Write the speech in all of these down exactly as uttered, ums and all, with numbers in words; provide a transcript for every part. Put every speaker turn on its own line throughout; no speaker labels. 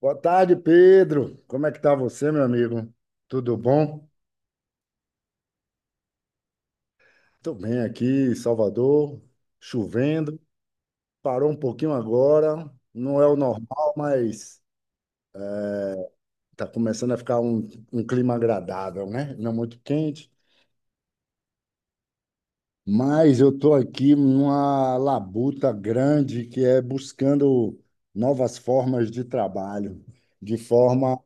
Boa tarde, Pedro. Como é que tá você, meu amigo? Tudo bom? Tô bem aqui em Salvador, chovendo. Parou um pouquinho agora. Não é o normal, mas tá começando a ficar um, um clima agradável, né? Não muito quente. Mas eu tô aqui numa labuta grande que é buscando novas formas de trabalho, de forma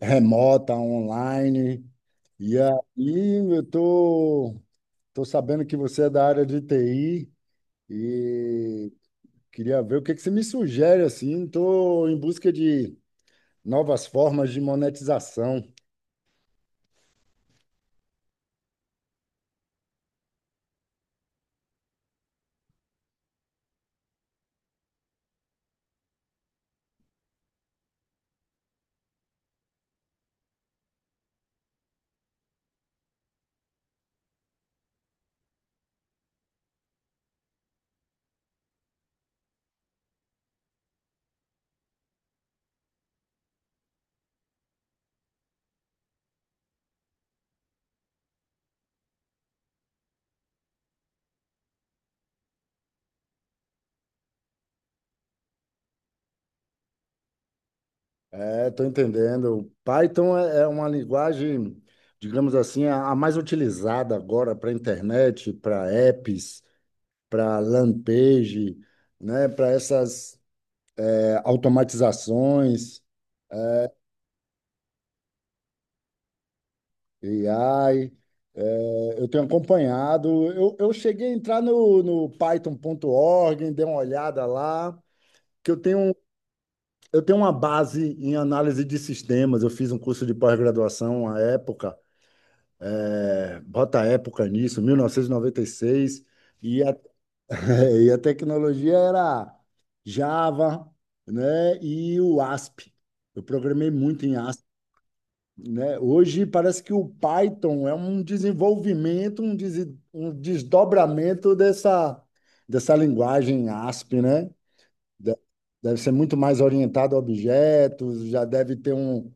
remota, online. E aí eu tô Estou sabendo que você é da área de T I e queria ver o que que você me sugere assim. Estou em busca de novas formas de monetização. É, estou entendendo. Python é é uma linguagem, digamos assim, a a mais utilizada agora para internet, para apps, para landing page, né, para essas é, automatizações. E A I, é, eu tenho acompanhado. Eu, eu cheguei a entrar no, no python ponto org, dei uma olhada lá, que eu tenho, eu tenho uma base em análise de sistemas. Eu fiz um curso de pós-graduação à época, é, bota a época nisso, mil novecentos e noventa e seis, e noventa e seis, e a, e a tecnologia era Java, né, e o A S P. Eu programei muito em A S P, né? Hoje parece que o Python é um desenvolvimento, um, des- um desdobramento dessa, dessa linguagem A S P, né? De- Deve ser muito mais orientado a objetos, já deve ter um,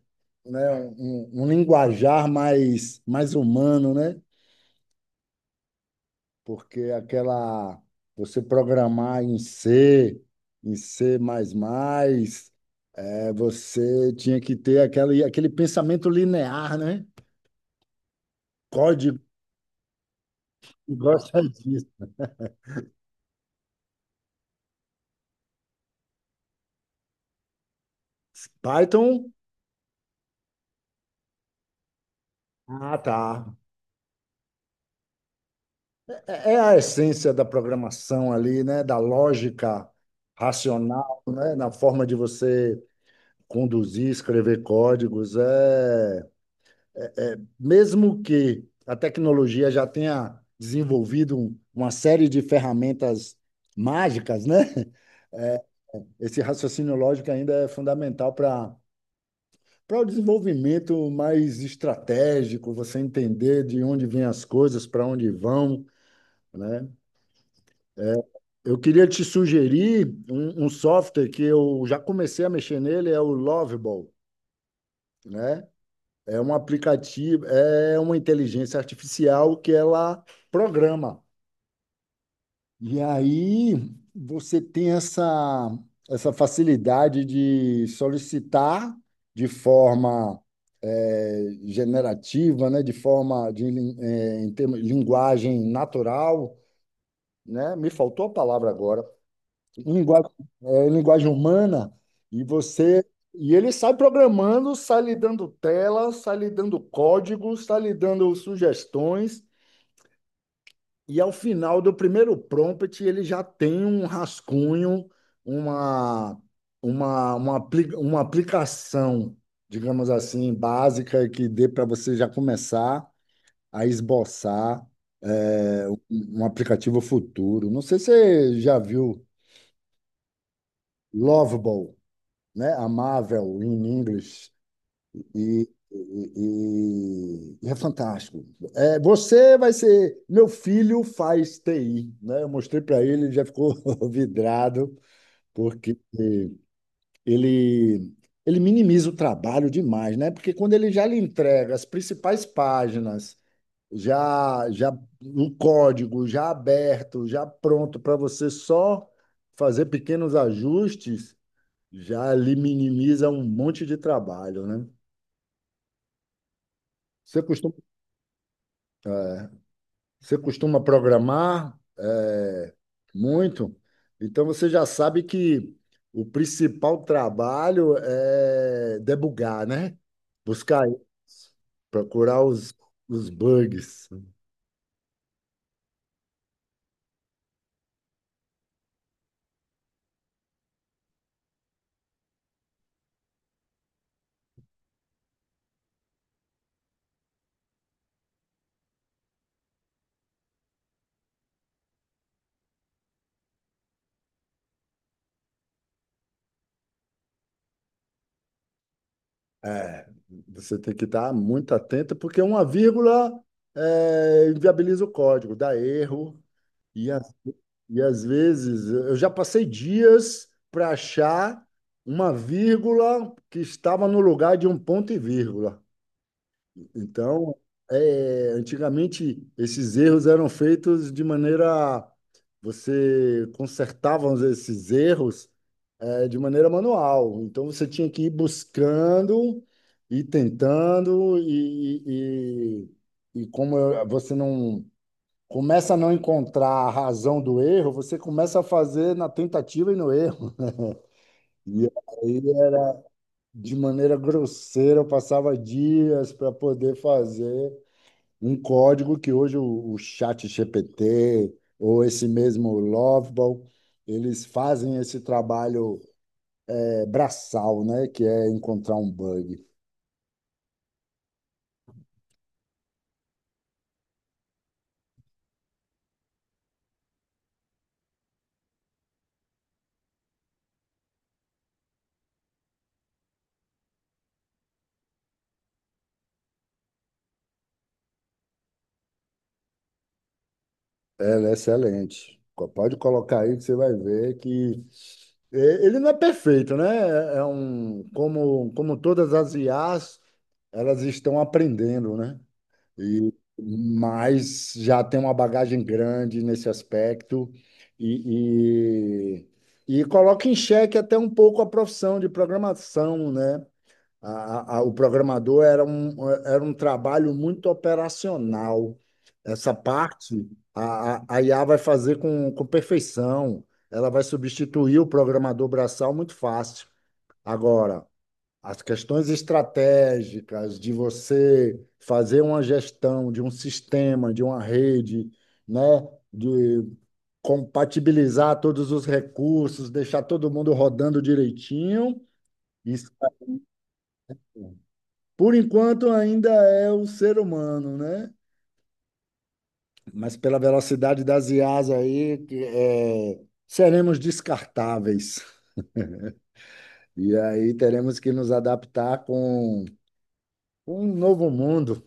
né, um, um linguajar mais, mais humano, né? Porque aquela você programar em C, em C++, é, você tinha que ter aquele, aquele pensamento linear, né? Código gosta disso. Python? Ah, tá. É é a essência da programação ali, né? Da lógica racional, né? Na forma de você conduzir, escrever códigos. É... Mesmo que a tecnologia já tenha desenvolvido um- uma série de ferramentas mágicas, né? É, esse raciocínio lógico ainda é fundamental para para o desenvolvimento mais estratégico, você entender de onde vêm as coisas, para onde vão, né? Eu queria te sugerir um, um software que eu já comecei a mexer nele, é o Lovable, né? É um aplicativo, é uma inteligência artificial que ela programa. E aí você tem essa, essa facilidade de solicitar de forma eh, generativa, né, de forma de lin- eh, em termos- linguagem natural, né? Me faltou a palavra agora. em linguagem, é, em linguagem humana, e você. E ele sai programando, sai lhe dando tela, sai lhe dando código, sai lhe dando sugestões, e ao final do primeiro prompt, ele já tem um rascunho, uma, uma, uma, apli- uma aplicação, digamos assim, básica, que dê para você já começar a esboçar, é, um um aplicativo futuro. Não sei se você já viu Lovable, né? Amável in English e, e, e e é fantástico. É, você vai ser. Meu filho faz T I, né? Eu mostrei para ele, ele já ficou vidrado, porque ele ele minimiza o trabalho demais, né? Porque quando ele já lhe entrega as principais páginas, já já um código já aberto, já pronto para você só fazer pequenos ajustes, já lhe minimiza um monte de trabalho, né? Você costuma, você costuma programar é, muito, então você já sabe que o principal trabalho é debugar, né? Buscar, procurar os, os bugs. É, você tem que estar muito atento, porque uma vírgula é, inviabiliza o código, dá erro, e E às vezes eu já passei dias para achar uma vírgula que estava no lugar de um ponto e vírgula. Então, é, antigamente esses erros eram feitos de maneira. Você consertava esses erros, é, de maneira manual. Então, você tinha que ir buscando e tentando, e, e, e e como você não começa a não encontrar a razão do erro, você começa a fazer na tentativa e no erro. E aí, é, de maneira grosseira, eu passava dias para poder fazer um código que hoje o, o chat G P T ou esse mesmo Loveball, eles fazem esse trabalho é, braçal, né? Que é encontrar um bug. Ela é, né, excelente. Co- Pode colocar aí que você vai ver que é, ele não é perfeito, né? É é um como como todas as I As, elas estão aprendendo, né? E mas já tem uma bagagem grande nesse aspecto e, e, e coloca em xeque até um pouco a profissão de programação, né? A- a- o programador era um, era um trabalho muito operacional. Essa parte a, a, a I A vai fazer com, com perfeição. Ela vai substituir o programador braçal muito fácil. Agora, as questões estratégicas de você fazer uma gestão de um sistema, de uma rede, né, de compatibilizar todos os recursos, deixar todo mundo rodando direitinho. Isso. Por enquanto ainda é o ser humano, né? Mas pela velocidade das I As aí, que, é, seremos descartáveis. E aí teremos que nos adaptar com um novo mundo,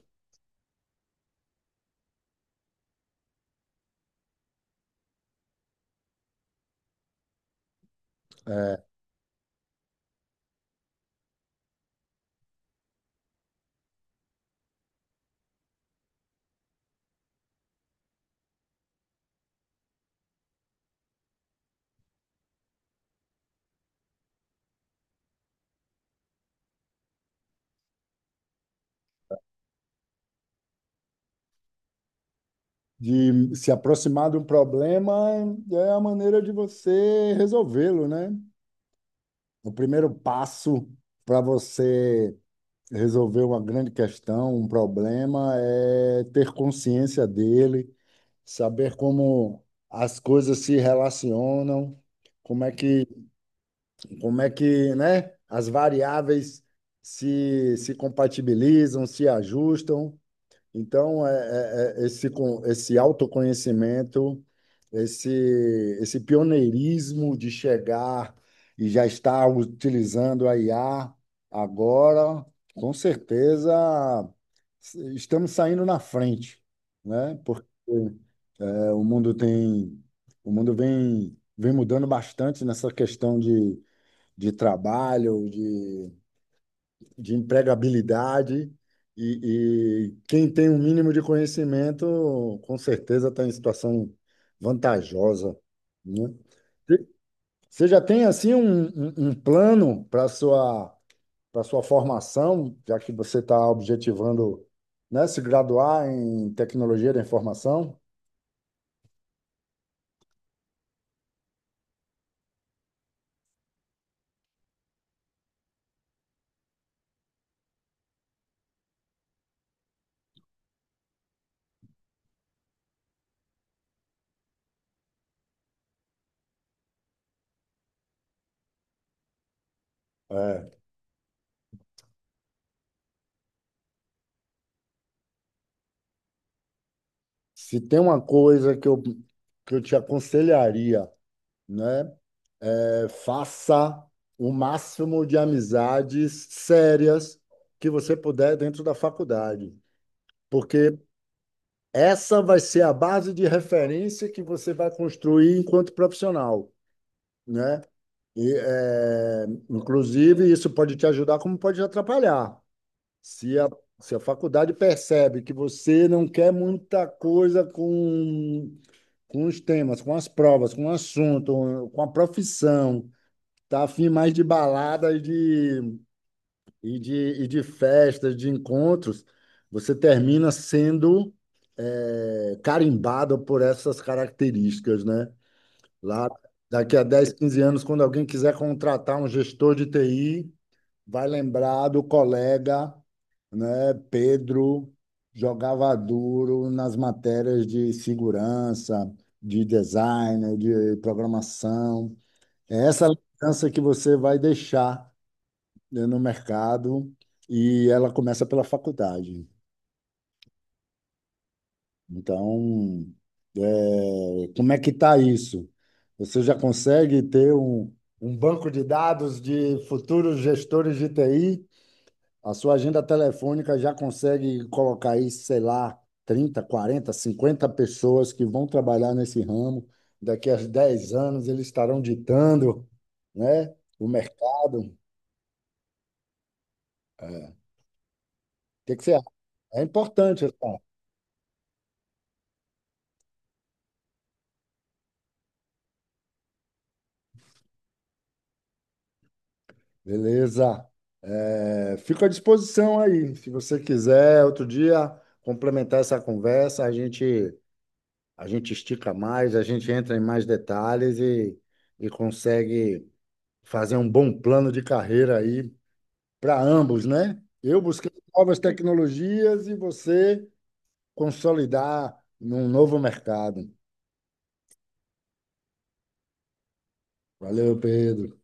de se aproximar de um problema é a maneira de você resolvê-lo, né? O primeiro passo para você resolver uma grande questão, um problema, é ter consciência dele, saber como as coisas se relacionam, como é que, como é que, né, as variáveis se, se compatibilizam, se ajustam. Então, é, é- é esse, con- esse autoconhecimento, esse, esse pioneirismo de chegar e já estar utilizando a I A agora, com certeza s- estamos saindo na frente, né? Porque é, o mundo tem, o mundo vem, vem mudando bastante nessa questão de, de trabalho, de empregabilidade e, e quem tem um mínimo de conhecimento, com certeza está em situação vantajosa, né? Você você já tem assim um, um- um plano para sua para sua formação, já que você está objetivando, né, se graduar em tecnologia da informação? É, Se tem uma coisa que eu, que eu te aconselharia, né? É, faça o máximo de amizades sérias que você puder dentro da faculdade, porque essa vai ser a base de referência que você vai construir enquanto profissional, né? E, é, inclusive, isso pode te ajudar, como pode te atrapalhar. Se a, se a faculdade percebe que você não quer muita coisa com, com os temas, com as provas, com o assunto, com a profissão. Tá afim mais de baladas de, e, de, e de festas, de encontros, você termina sendo é, carimbado por essas características, né? Lá, daqui a dez quinze anos, quando alguém quiser contratar um gestor de T I, vai lembrar do colega, né? Pedro jogava duro nas matérias de segurança, de design, de programação. É essa lembrança que você vai deixar, né, no mercado, e ela começa pela faculdade. Então, é, como é que está isso? Você já consegue ter um, um banco de dados de futuros gestores de T I? A sua agenda telefônica já consegue colocar aí, sei lá, trinta quarenta cinquenta pessoas que vão trabalhar nesse ramo. Daqui a dez anos eles estarão ditando, né, o mercado. O que que você acha? É importante, tá? Beleza. É, fico à disposição aí. Se você quiser, outro dia, complementar essa conversa, a gente, a gente estica mais, a gente entra em mais detalhes e, e consegue fazer um bom plano de carreira aí para ambos, né? Eu buscando novas tecnologias e você consolidar num novo mercado. Valeu, Pedro.